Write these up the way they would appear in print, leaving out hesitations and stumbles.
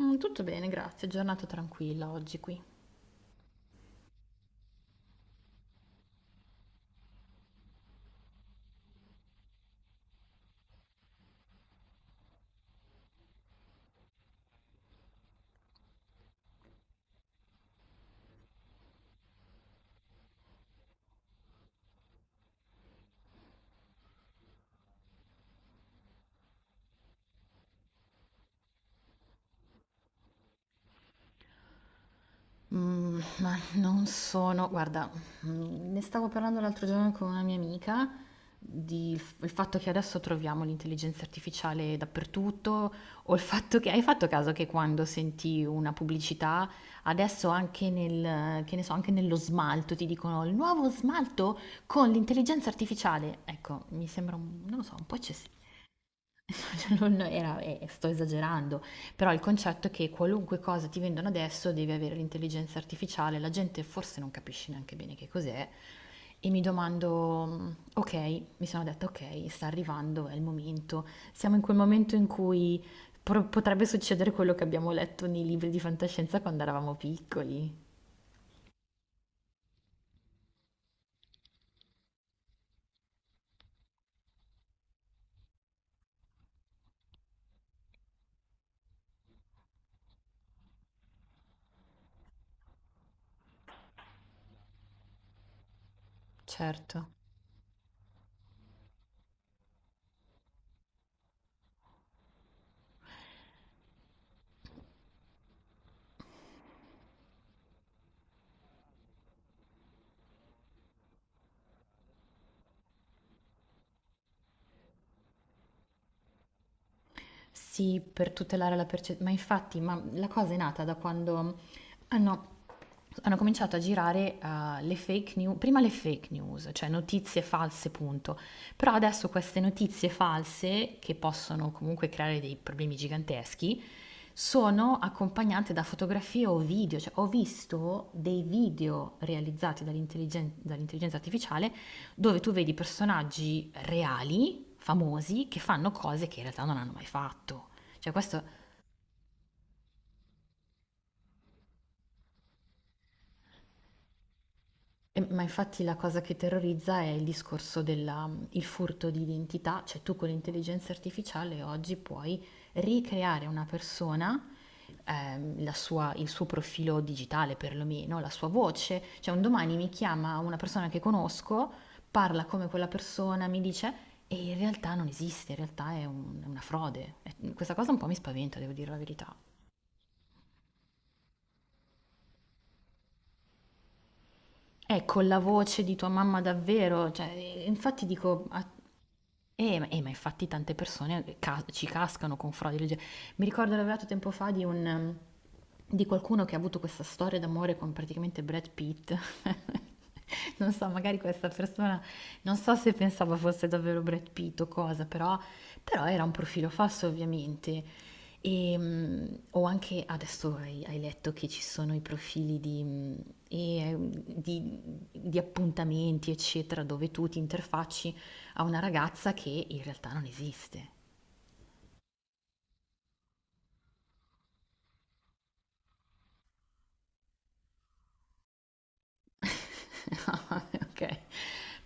Tutto bene, grazie. Giornata tranquilla oggi qui. Ma non sono... Guarda, ne stavo parlando l'altro giorno con una mia amica di il fatto che adesso troviamo l'intelligenza artificiale dappertutto, o il fatto che hai fatto caso che quando senti una pubblicità, adesso anche nel, che ne so, anche nello smalto ti dicono il nuovo smalto con l'intelligenza artificiale. Ecco, mi sembra un, non lo so, un po' eccessivo. Cioè, non era sto esagerando, però il concetto è che qualunque cosa ti vendono adesso devi avere l'intelligenza artificiale, la gente forse non capisce neanche bene che cos'è e mi domando, ok, mi sono detta ok, sta arrivando, è il momento, siamo in quel momento in cui potrebbe succedere quello che abbiamo letto nei libri di fantascienza quando eravamo piccoli, certo. Sì, per tutelare la perce ma infatti, ma la cosa è nata da quando hanno hanno cominciato a girare, le fake new prima le fake news, cioè notizie false, punto. Però adesso queste notizie false, che possono comunque creare dei problemi giganteschi, sono accompagnate da fotografie o video, cioè ho visto dei video realizzati dall'intelligenza artificiale, dove tu vedi personaggi reali famosi che fanno cose che in realtà non hanno mai fatto. Cioè questo, ma infatti la cosa che terrorizza è il discorso del furto di identità, cioè tu con l'intelligenza artificiale oggi puoi ricreare una persona, il suo profilo digitale perlomeno, la sua voce, cioè un domani mi chiama una persona che conosco, parla come quella persona, mi dice... E in realtà non esiste, in realtà è, è una frode. E questa cosa un po' mi spaventa, devo dire la verità. Con la voce di tua mamma davvero, cioè, infatti dico a ma infatti tante persone ca ci cascano con frodi legge. Mi ricordo ho lavorato tempo fa di un di qualcuno che ha avuto questa storia d'amore con praticamente Brad Pitt. Non so, magari questa persona, non so se pensava fosse davvero Brad Pitt o cosa, però era un profilo falso ovviamente. O anche adesso hai letto che ci sono i profili di ehm, di di appuntamenti eccetera, dove tu ti interfacci a una ragazza che in realtà non esiste. Ah, vabbè, ok.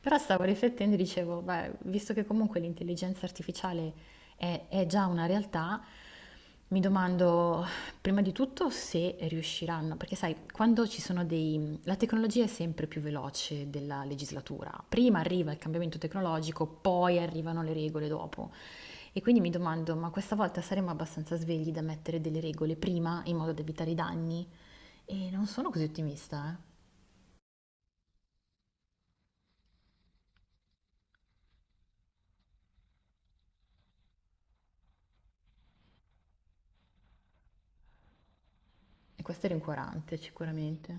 Però stavo riflettendo e dicevo, beh, visto che comunque l'intelligenza artificiale è già una realtà, mi domando prima di tutto se riusciranno, perché sai, quando ci sono dei... La tecnologia è sempre più veloce della legislatura. Prima arriva il cambiamento tecnologico, poi arrivano le regole dopo. E quindi mi domando, ma questa volta saremo abbastanza svegli da mettere delle regole prima in modo da evitare i danni? E non sono così ottimista, eh. E questo è rincuorante sicuramente.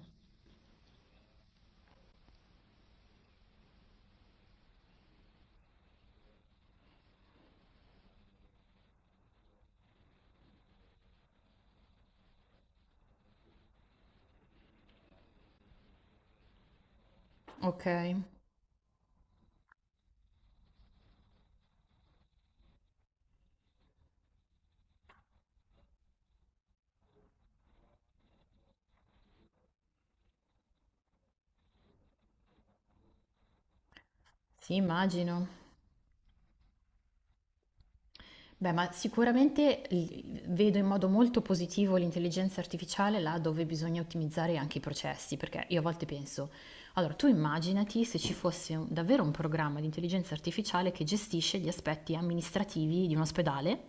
Okay, sì, immagino. Beh, ma sicuramente vedo in modo molto positivo l'intelligenza artificiale là dove bisogna ottimizzare anche i processi, perché io a volte penso, allora tu immaginati se ci fosse davvero un programma di intelligenza artificiale che gestisce gli aspetti amministrativi di un ospedale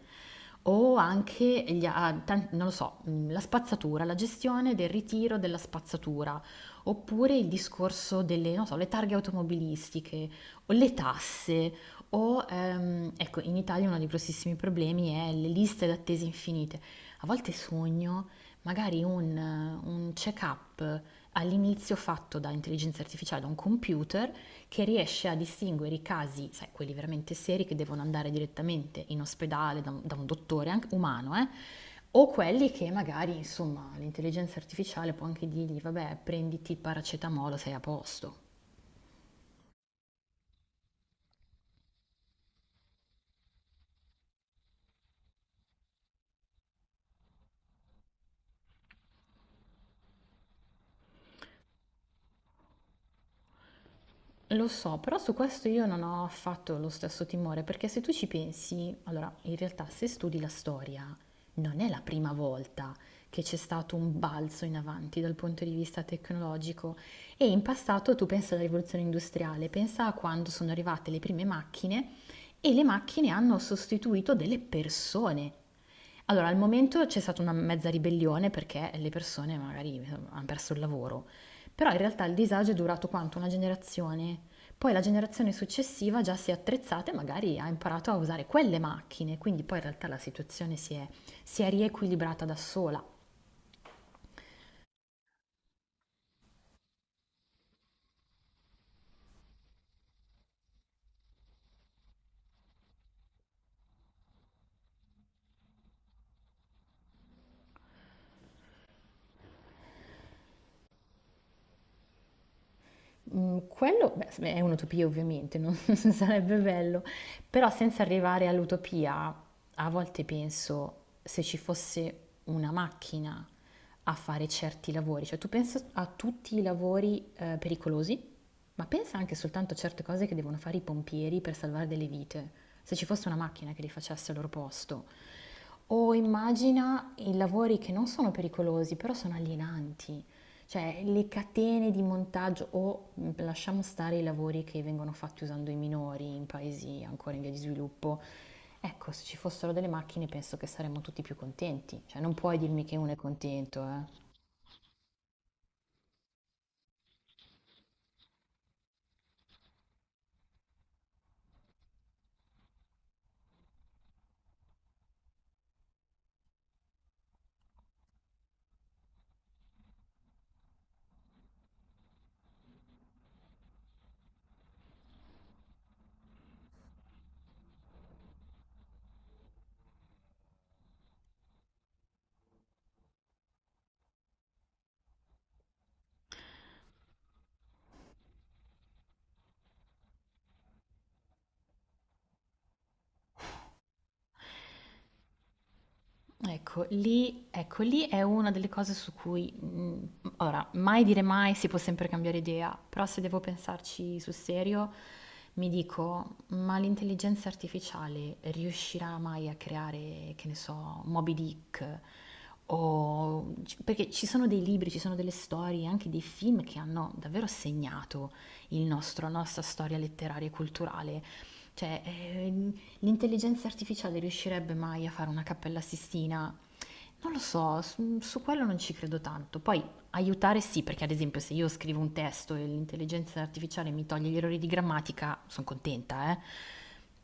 o anche non lo so, la spazzatura, la gestione del ritiro della spazzatura, oppure il discorso delle, non so, le targhe automobilistiche o le tasse. O, ecco, in Italia uno dei grossissimi problemi è le liste d'attesa infinite. A volte sogno magari un check-up all'inizio fatto da intelligenza artificiale, da un computer, che riesce a distinguere i casi, sai, quelli veramente seri che devono andare direttamente in ospedale da un dottore anche umano, o quelli che magari, insomma, l'intelligenza artificiale può anche dirgli, vabbè, prenditi paracetamolo, sei a posto. Lo so, però su questo io non ho affatto lo stesso timore, perché se tu ci pensi, allora in realtà se studi la storia, non è la prima volta che c'è stato un balzo in avanti dal punto di vista tecnologico e in passato tu pensa alla rivoluzione industriale, pensa a quando sono arrivate le prime macchine e le macchine hanno sostituito delle persone allora, al momento c'è stata una mezza ribellione perché le persone magari insomma, hanno perso il lavoro, però in realtà il disagio è durato quanto? Una generazione. Poi la generazione successiva già si è attrezzata e magari ha imparato a usare quelle macchine, quindi poi in realtà la situazione si è riequilibrata da sola. Mhmm, quello beh, s è un'utopia ovviamente, non sarebbe bello, però senza arrivare all'utopia, a volte penso se ci fosse una macchina a fare certi lavori, cioè tu pensa a tutti i lavori, pericolosi, ma pensa anche soltanto a certe cose che devono fare i pompieri per salvare delle vite. Se ci fosse una macchina che li facesse al loro posto. O immagina i lavori che non sono pericolosi, però sono alienanti. Cioè, le catene di montaggio o lasciamo stare i lavori che vengono fatti usando i minori in paesi ancora in via di sviluppo. Ecco, se ci fossero delle macchine penso che saremmo tutti più contenti. Cioè, non puoi dirmi che uno è contento, eh. Ecco, lì è una delle cose su cui, ora, mai dire mai, si può sempre cambiare idea, però se devo pensarci sul serio, mi dico: "Ma l'intelligenza artificiale riuscirà mai a creare, che ne so, Moby Dick?" O c perché ci sono dei libri, ci sono delle storie, anche dei film che hanno davvero segnato il nostro la nostra storia letteraria e culturale. Cioè, l'intelligenza artificiale riuscirebbe mai a fare una Cappella Sistina? Non lo so, su, su quello non ci credo tanto. Poi aiutare sì, perché ad esempio se io scrivo un testo e l'intelligenza artificiale mi toglie gli errori di grammatica, sono contenta, eh.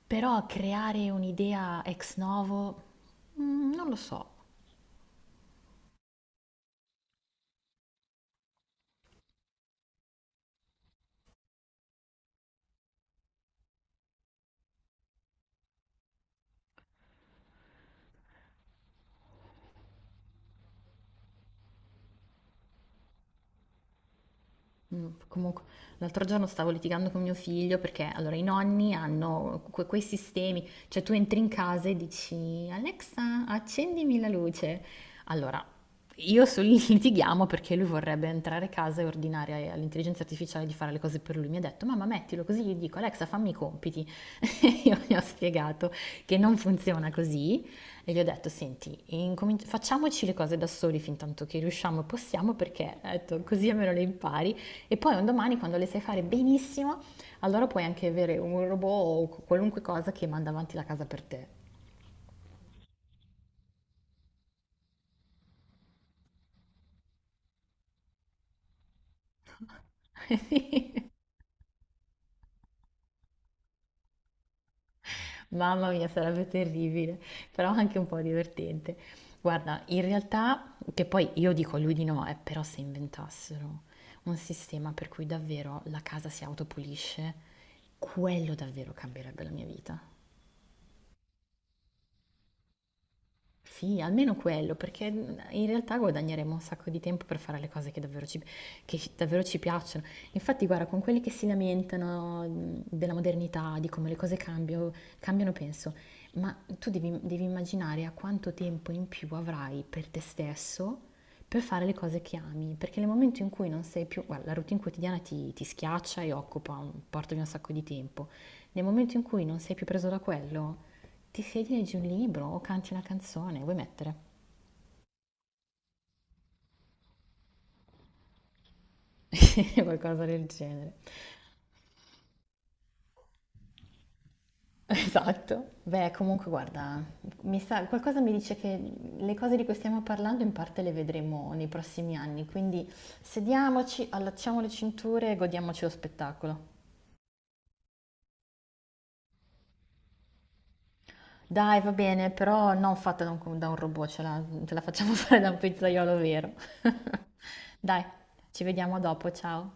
Però creare un'idea ex novo, non lo so. Comunque l'altro giorno stavo litigando con mio figlio perché allora i nonni hanno quei sistemi, cioè tu entri in casa e dici Alexa, accendimi la luce. Allora, io sul litighiamo perché lui vorrebbe entrare a casa e ordinare all'intelligenza artificiale di fare le cose per lui. Mi ha detto, mamma mettilo così, gli dico Alexa fammi i compiti. E io gli ho spiegato che non funziona così e gli ho detto, senti, facciamoci le cose da soli fin tanto che riusciamo e possiamo perché ho detto, così almeno le impari. E poi un domani, quando le sai fare benissimo, allora puoi anche avere un robot o qualunque cosa che manda avanti la casa per te. Mamma mia, sarebbe terribile, però anche un po' divertente. Guarda, in realtà, che poi io dico a lui di no, però se inventassero un sistema per cui davvero la casa si autopulisce, quello davvero cambierebbe la mia vita. Sì, almeno quello, perché in realtà guadagneremo un sacco di tempo per fare le cose che davvero davvero ci piacciono. Infatti, guarda, con quelli che si lamentano della modernità, di come le cose cambiano, penso, ma tu devi immaginare a quanto tempo in più avrai per te stesso per fare le cose che ami, perché nel momento in cui non sei più, guarda, la routine quotidiana ti schiaccia e occupa un, porta via un sacco di tempo. Nel momento in cui non sei più preso da quello, ti siedi, leggi un libro o canti una canzone, vuoi mettere? Qualcosa del genere. Esatto. Beh, comunque guarda, mi sa, qualcosa mi dice che le cose di cui stiamo parlando in parte le vedremo nei prossimi anni, quindi sediamoci, allacciamo le cinture e godiamoci lo spettacolo. Dai, va bene, però non fatta da un robot, ce la facciamo fare da un pizzaiolo vero. Dai, ci vediamo dopo, ciao.